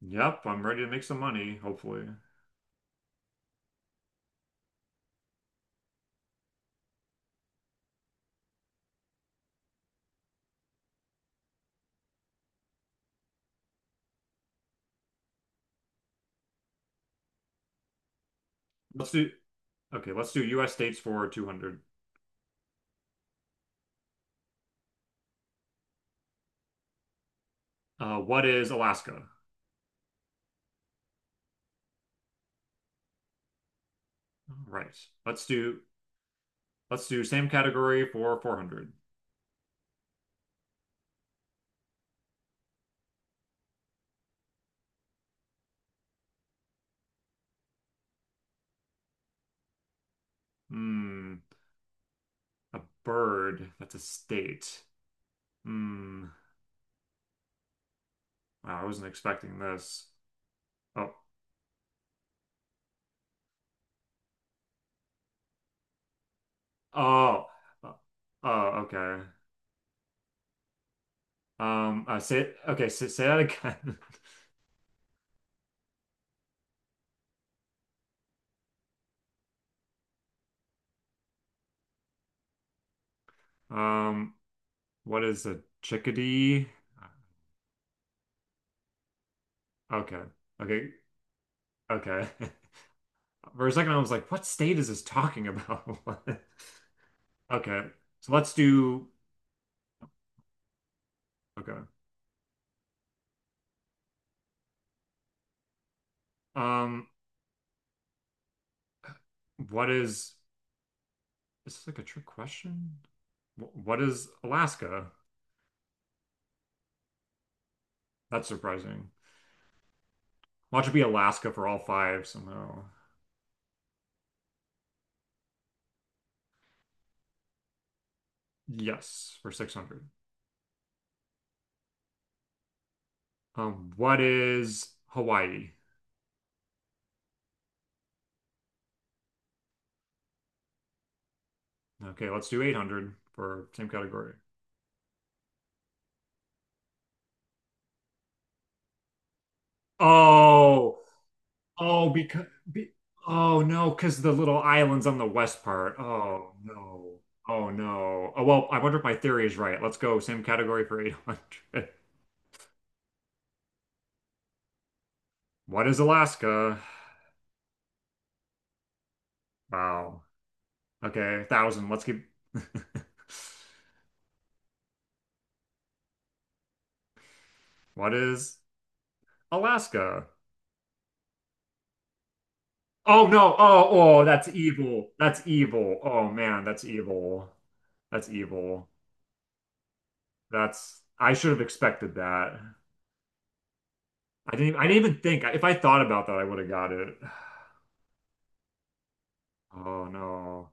Yep, I'm ready to make some money, hopefully. Let's do, okay, let's do US states for 200. What is Alaska? Right. Let's do, let's do same category for 400. Hmm, a bird. That's a state. Hmm. Wow, I wasn't expecting this. Oh, oh, uh, oh, okay. Say, okay, say that again. Um, what is a chickadee? Okay, okay, okay. For a second, I was like, what state is this talking about? Okay, so let's do. Okay. Um, what is This is like a trick question? What is Alaska? That's surprising. Watch it be Alaska for all five somehow. Yes, for 600. What is Hawaii? Okay, let's do 800 for same category. Oh, oh, be, oh no, because the little island's on the west part. Oh no. Oh no. Oh well, I wonder if my theory is right. Let's go. Same category for 800. What is Alaska? Wow. Okay, 1000. Let's keep What is Alaska? Oh no. Oh, oh, that's evil. That's evil. Oh man, that's evil. That's evil. That's I should have expected that. I didn't even think. If I thought about that, I would have got it. Oh no.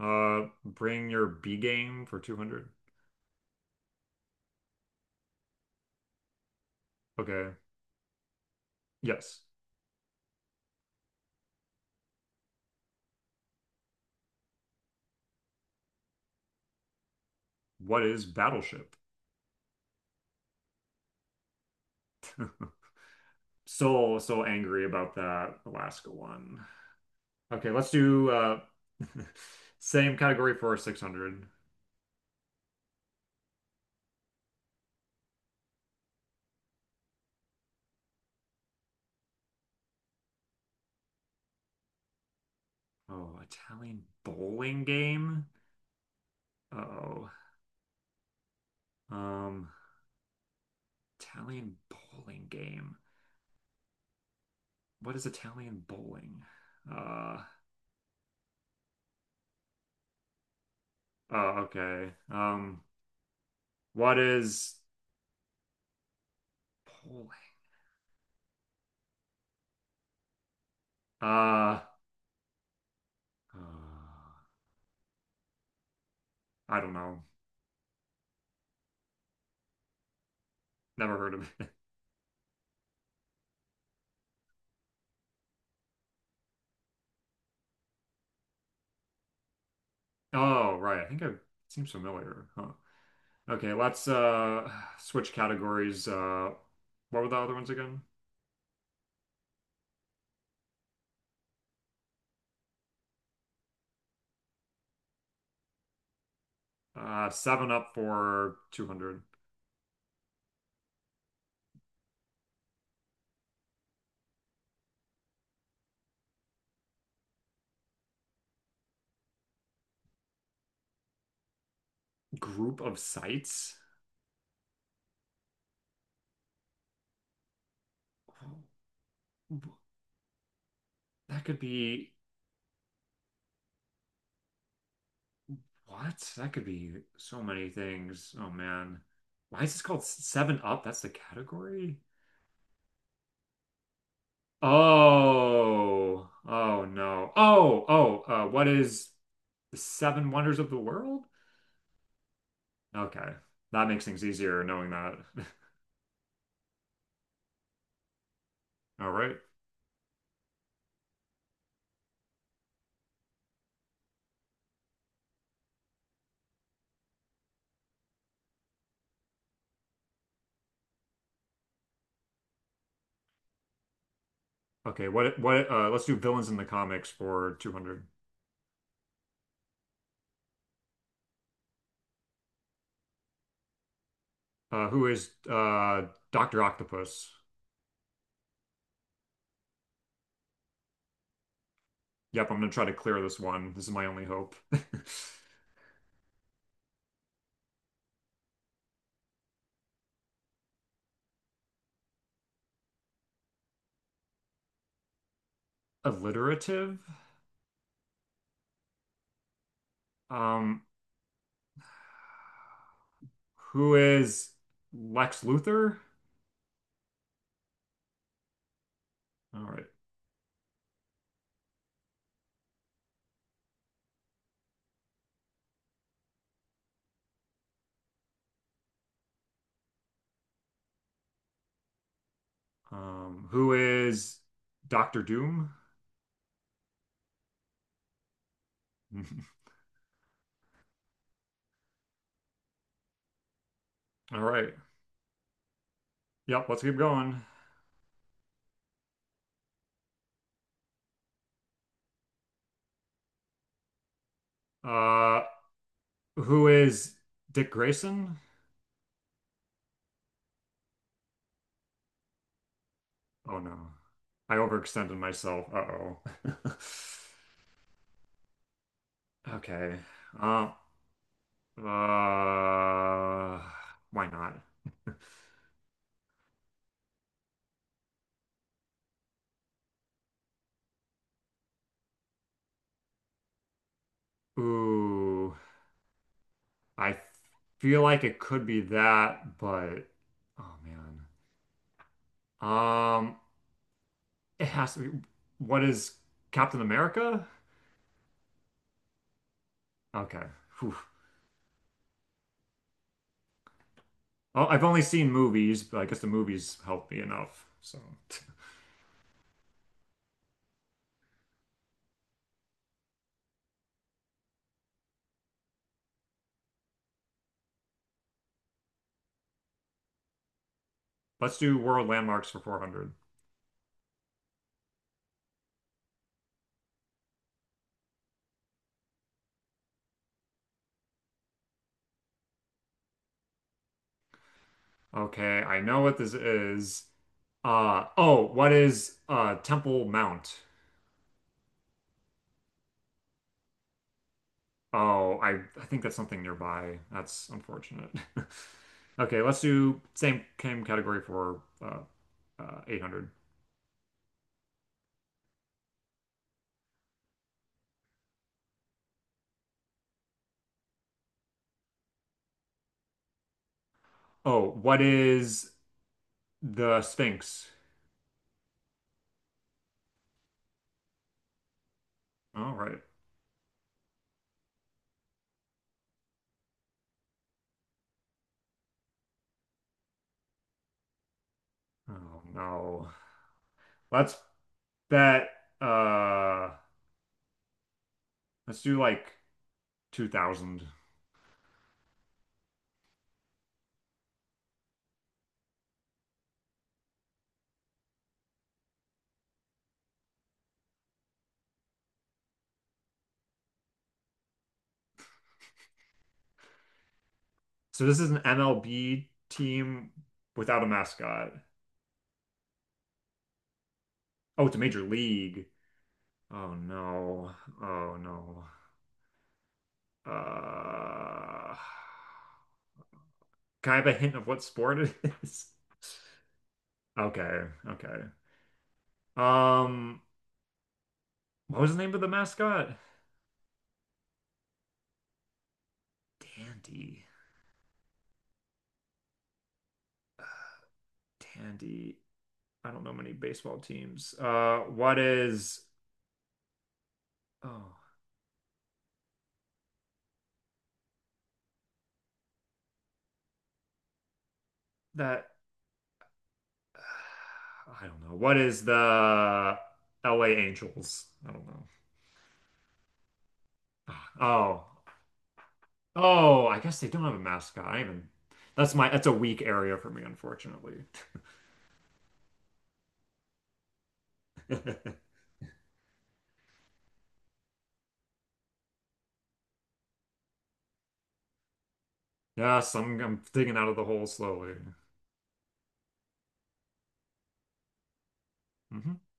Bring your B game for 200. Okay. Yes. What is Battleship? So angry about that Alaska one. Okay, let's do same category for 600. Oh, Italian bowling game? Uh-oh. Um, Italian bowling game. What is Italian bowling? Uh, oh, okay. What is bowling? Uh, Uh, I don't know. Never heard of it. Oh, right. I think it seems familiar. Huh. Okay, let's switch categories. What were the other ones again? Seven Up for 200. Group of sites? That could be what? That could be so many things. Oh man. Why is this called Seven Up? That's the category? Oh, oh no. Oh, oh, what is the Seven Wonders of the World? Okay. That makes things easier knowing that. All right. Okay, what let's do villains in the comics for 200. Who is Dr. Octopus? Yep, I'm gonna try to clear this one. This is my only hope. Alliterative? Um who is Lex Luthor? All right. Who is Doctor Doom? All right. Yep, let's keep going. Uh who is Dick Grayson? Oh no. I overextended myself. Uh-oh. Okay. Uh, uh, why not? Ooh, I feel like it could be that, but oh man. Um, it has to be. What is Captain America? Okay. Whew. Oh, I've only seen movies, but I guess the movies helped me enough. So, let's do world landmarks for 400. Okay, I know what this is. Uh oh, what is Temple Mount? Oh, I think that's something nearby. That's unfortunate. Okay, let's do same category for 800. Oh, what is the Sphinx? All right. Oh no. Let's bet uh let's do like 2000. So this is an MLB team without a mascot. Oh, it's a major league. Oh no. Oh no. Uh, can I have a hint of what sport it is? Okay, okay. Um, what was the name of the mascot? Dandy. Uh, Dandy. I don't know many baseball teams. What is Oh, that? I don't know. What is the LA Angels? I don't know. Ah, oh, oh, I guess they don't have a mascot. I even that's my That's a weak area for me, unfortunately. Yes, I'm digging out of the hole slowly. Mhm.